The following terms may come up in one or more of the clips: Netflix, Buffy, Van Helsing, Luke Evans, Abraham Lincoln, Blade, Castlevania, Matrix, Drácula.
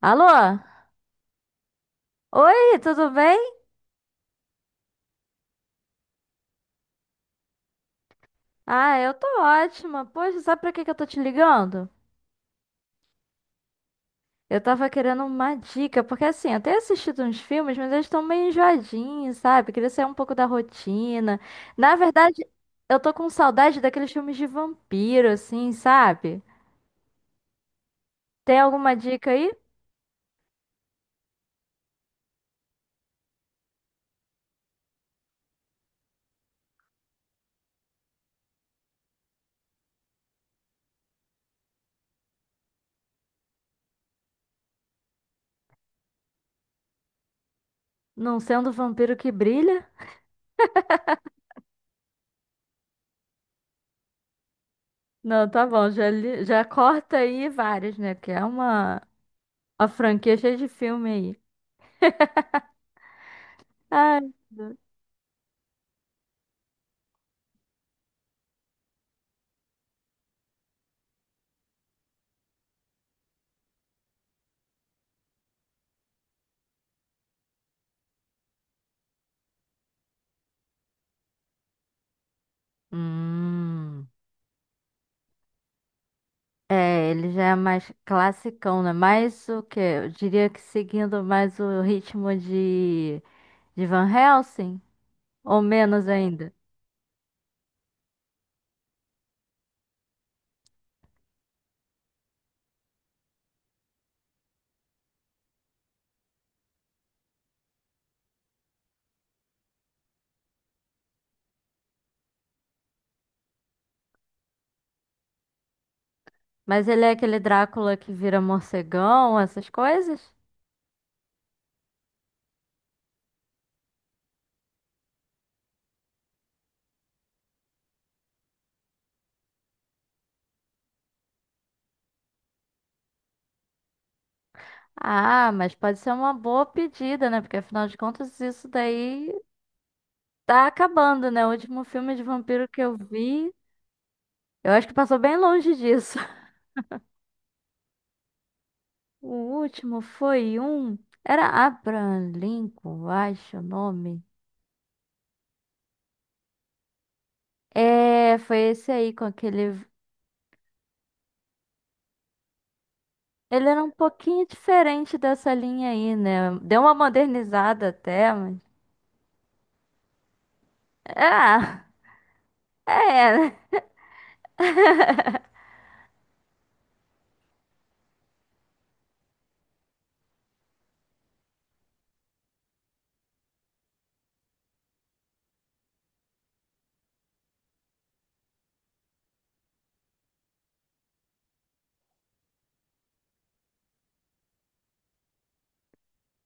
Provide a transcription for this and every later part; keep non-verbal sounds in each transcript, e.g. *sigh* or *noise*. Alô? Oi, tudo bem? Ah, eu tô ótima. Poxa, sabe pra que que eu tô te ligando? Eu tava querendo uma dica, porque assim, eu tenho assistido uns filmes, mas eles estão meio enjoadinhos, sabe? Queria sair um pouco da rotina. Na verdade, eu tô com saudade daqueles filmes de vampiro, assim, sabe? Tem alguma dica aí? Não sendo o vampiro que brilha? Não, tá bom, já, já corta aí vários, né? Porque é uma franquia cheia de filme aí. Ai. Hum. É, ele já é mais classicão, né? Mais o quê? Eu diria que seguindo mais o ritmo de Van Helsing, ou menos ainda. Mas ele é aquele Drácula que vira morcegão, essas coisas? Ah, mas pode ser uma boa pedida, né? Porque afinal de contas isso daí tá acabando, né? O último filme de vampiro que eu vi, eu acho que passou bem longe disso. *laughs* O último foi um. Era Abraham Lincoln, eu acho o nome. É, foi esse aí com aquele. Ele era um pouquinho diferente dessa linha aí, né? Deu uma modernizada até, mas. Ah, *laughs* é, né?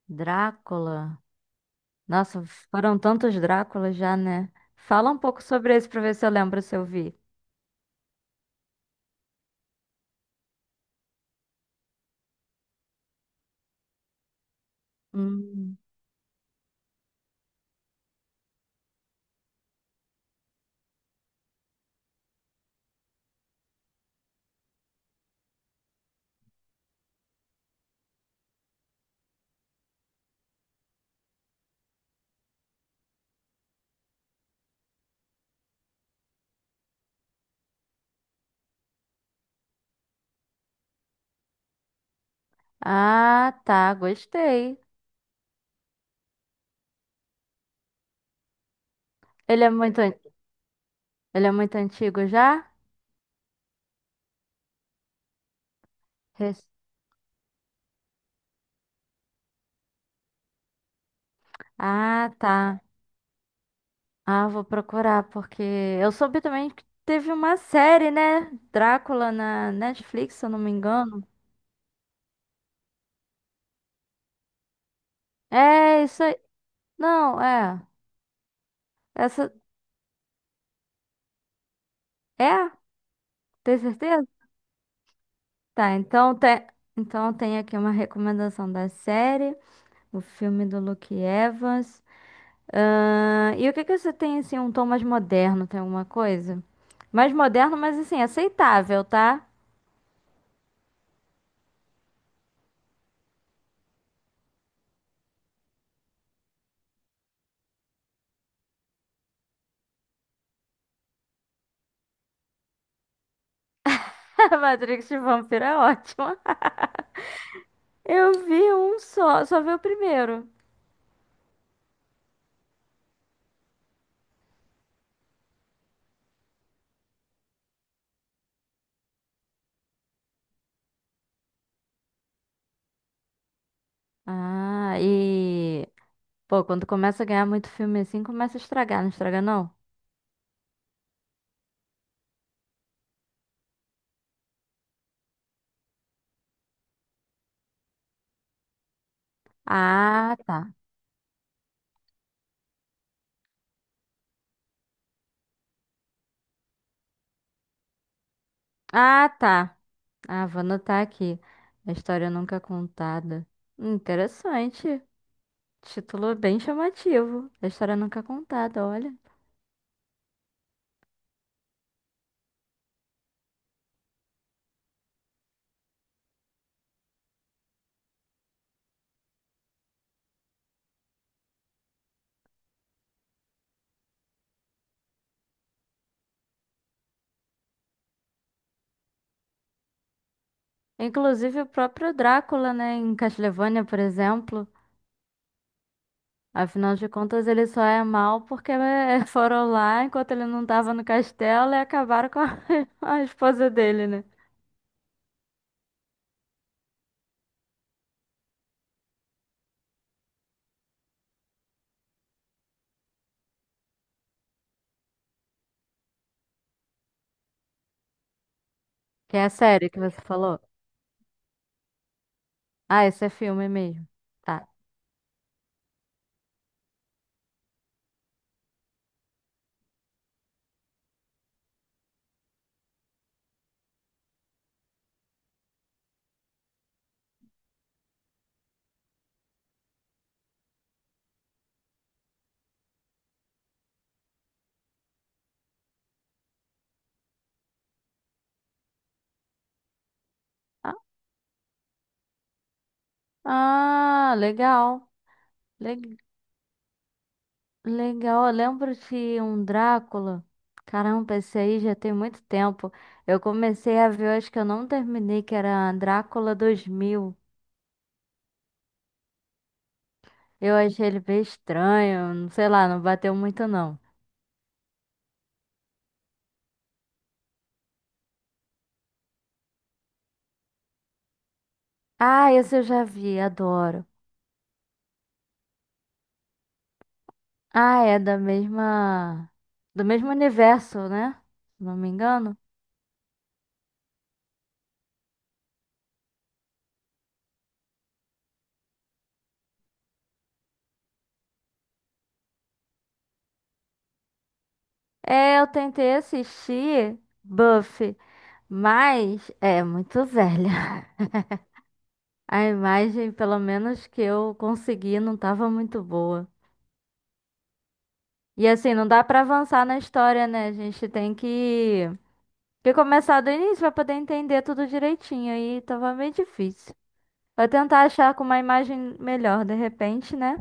Drácula. Nossa, foram tantos Dráculas já, né? Fala um pouco sobre esse pra ver se eu lembro se eu vi. Hum. Ah, tá, gostei. Ele é muito, ele é muito antigo já? Rec- Ah, tá. Ah, vou procurar, porque eu soube também que teve uma série, né? Drácula na Netflix, se eu não me engano. É, isso aí. Não, é. Essa. É? Tem certeza? Tá, então tem. Então tem aqui uma recomendação da série, o filme do Luke Evans. E o que que você tem, assim, um tom mais moderno? Tem alguma coisa? Mais moderno, mas assim, aceitável, tá? *laughs* Matrix de Vampiro é ótima. Eu vi um só, só vi o primeiro. Ah, e. Pô, quando começa a ganhar muito filme assim, começa a estragar, não estraga não? Ah, tá. Ah, tá. Ah, vou anotar aqui. A história nunca contada. Interessante. Título bem chamativo. A história nunca contada, olha. Inclusive o próprio Drácula, né, em Castlevania, por exemplo. Afinal de contas, ele só é mal porque *laughs* foram lá enquanto ele não tava no castelo e acabaram com a *laughs* a esposa dele, né? Que é a série que você falou. Ah, esse é filme mesmo. Tá. Ah, ah, legal. Le- legal. Eu lembro de um Drácula. Caramba, esse aí já tem muito tempo. Eu comecei a ver, eu acho que eu não terminei, que era Drácula 2000. Eu achei ele bem estranho, não sei lá, não bateu muito não. Ah, esse eu já vi, adoro. Ah, é da mesma. Do mesmo universo, né? Se não me engano. É, eu tentei assistir Buffy. Mas é muito velha. *laughs* A imagem, pelo menos que eu consegui, não estava muito boa. E assim, não dá para avançar na história, né? A gente tem que começar do início para poder entender tudo direitinho. Aí tava meio difícil. Vou tentar achar com uma imagem melhor, de repente, né?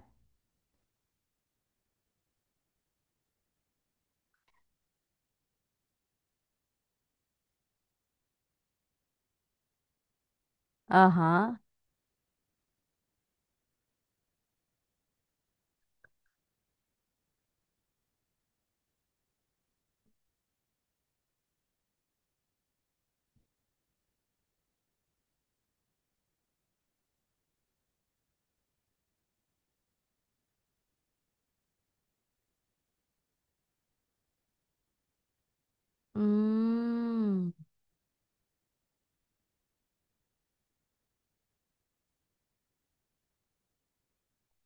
Aham. Hum.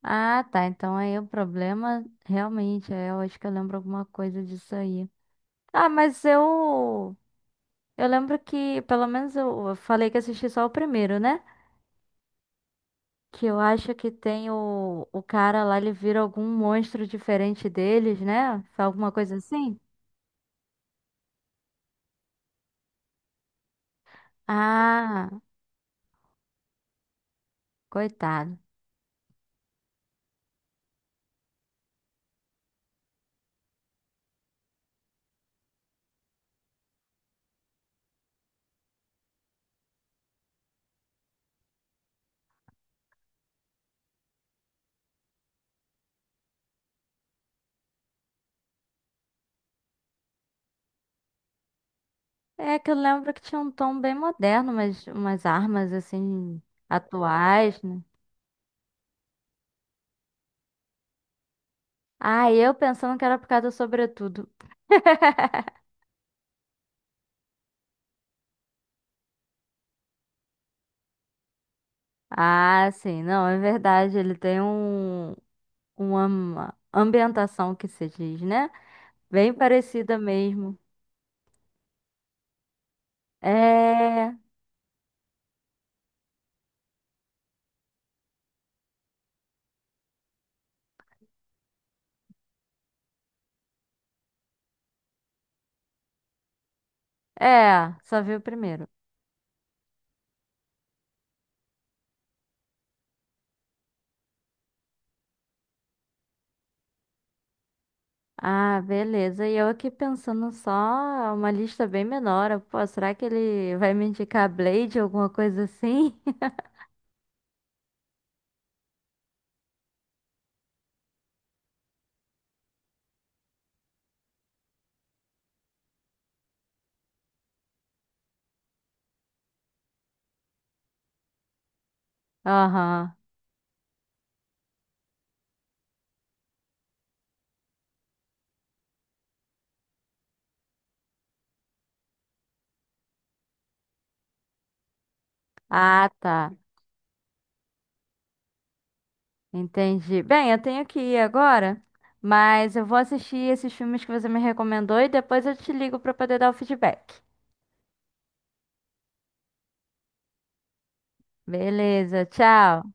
Ah, tá. Então aí o problema realmente é, eu acho que eu lembro alguma coisa disso aí. Ah, mas eu eu lembro que, pelo menos eu falei que assisti só o primeiro, né? Que eu acho que tem o cara lá, ele vira algum monstro diferente deles, né? Alguma coisa assim? Ah, coitado. É que eu lembro que tinha um tom bem moderno, mas umas armas assim, atuais, né? Ah, e eu pensando que era por causa do sobretudo. *laughs* Ah, sim, não, é verdade. Ele tem um, uma ambientação que se diz, né? Bem parecida mesmo. É, é, só vi o primeiro. Ah, beleza. E eu aqui pensando só uma lista bem menor. Eu, Pô, será que ele vai me indicar Blade, alguma coisa assim? *laughs* Aham. Ah, tá. Entendi. Bem, eu tenho que ir agora, mas eu vou assistir esses filmes que você me recomendou e depois eu te ligo pra poder dar o feedback. Beleza, tchau.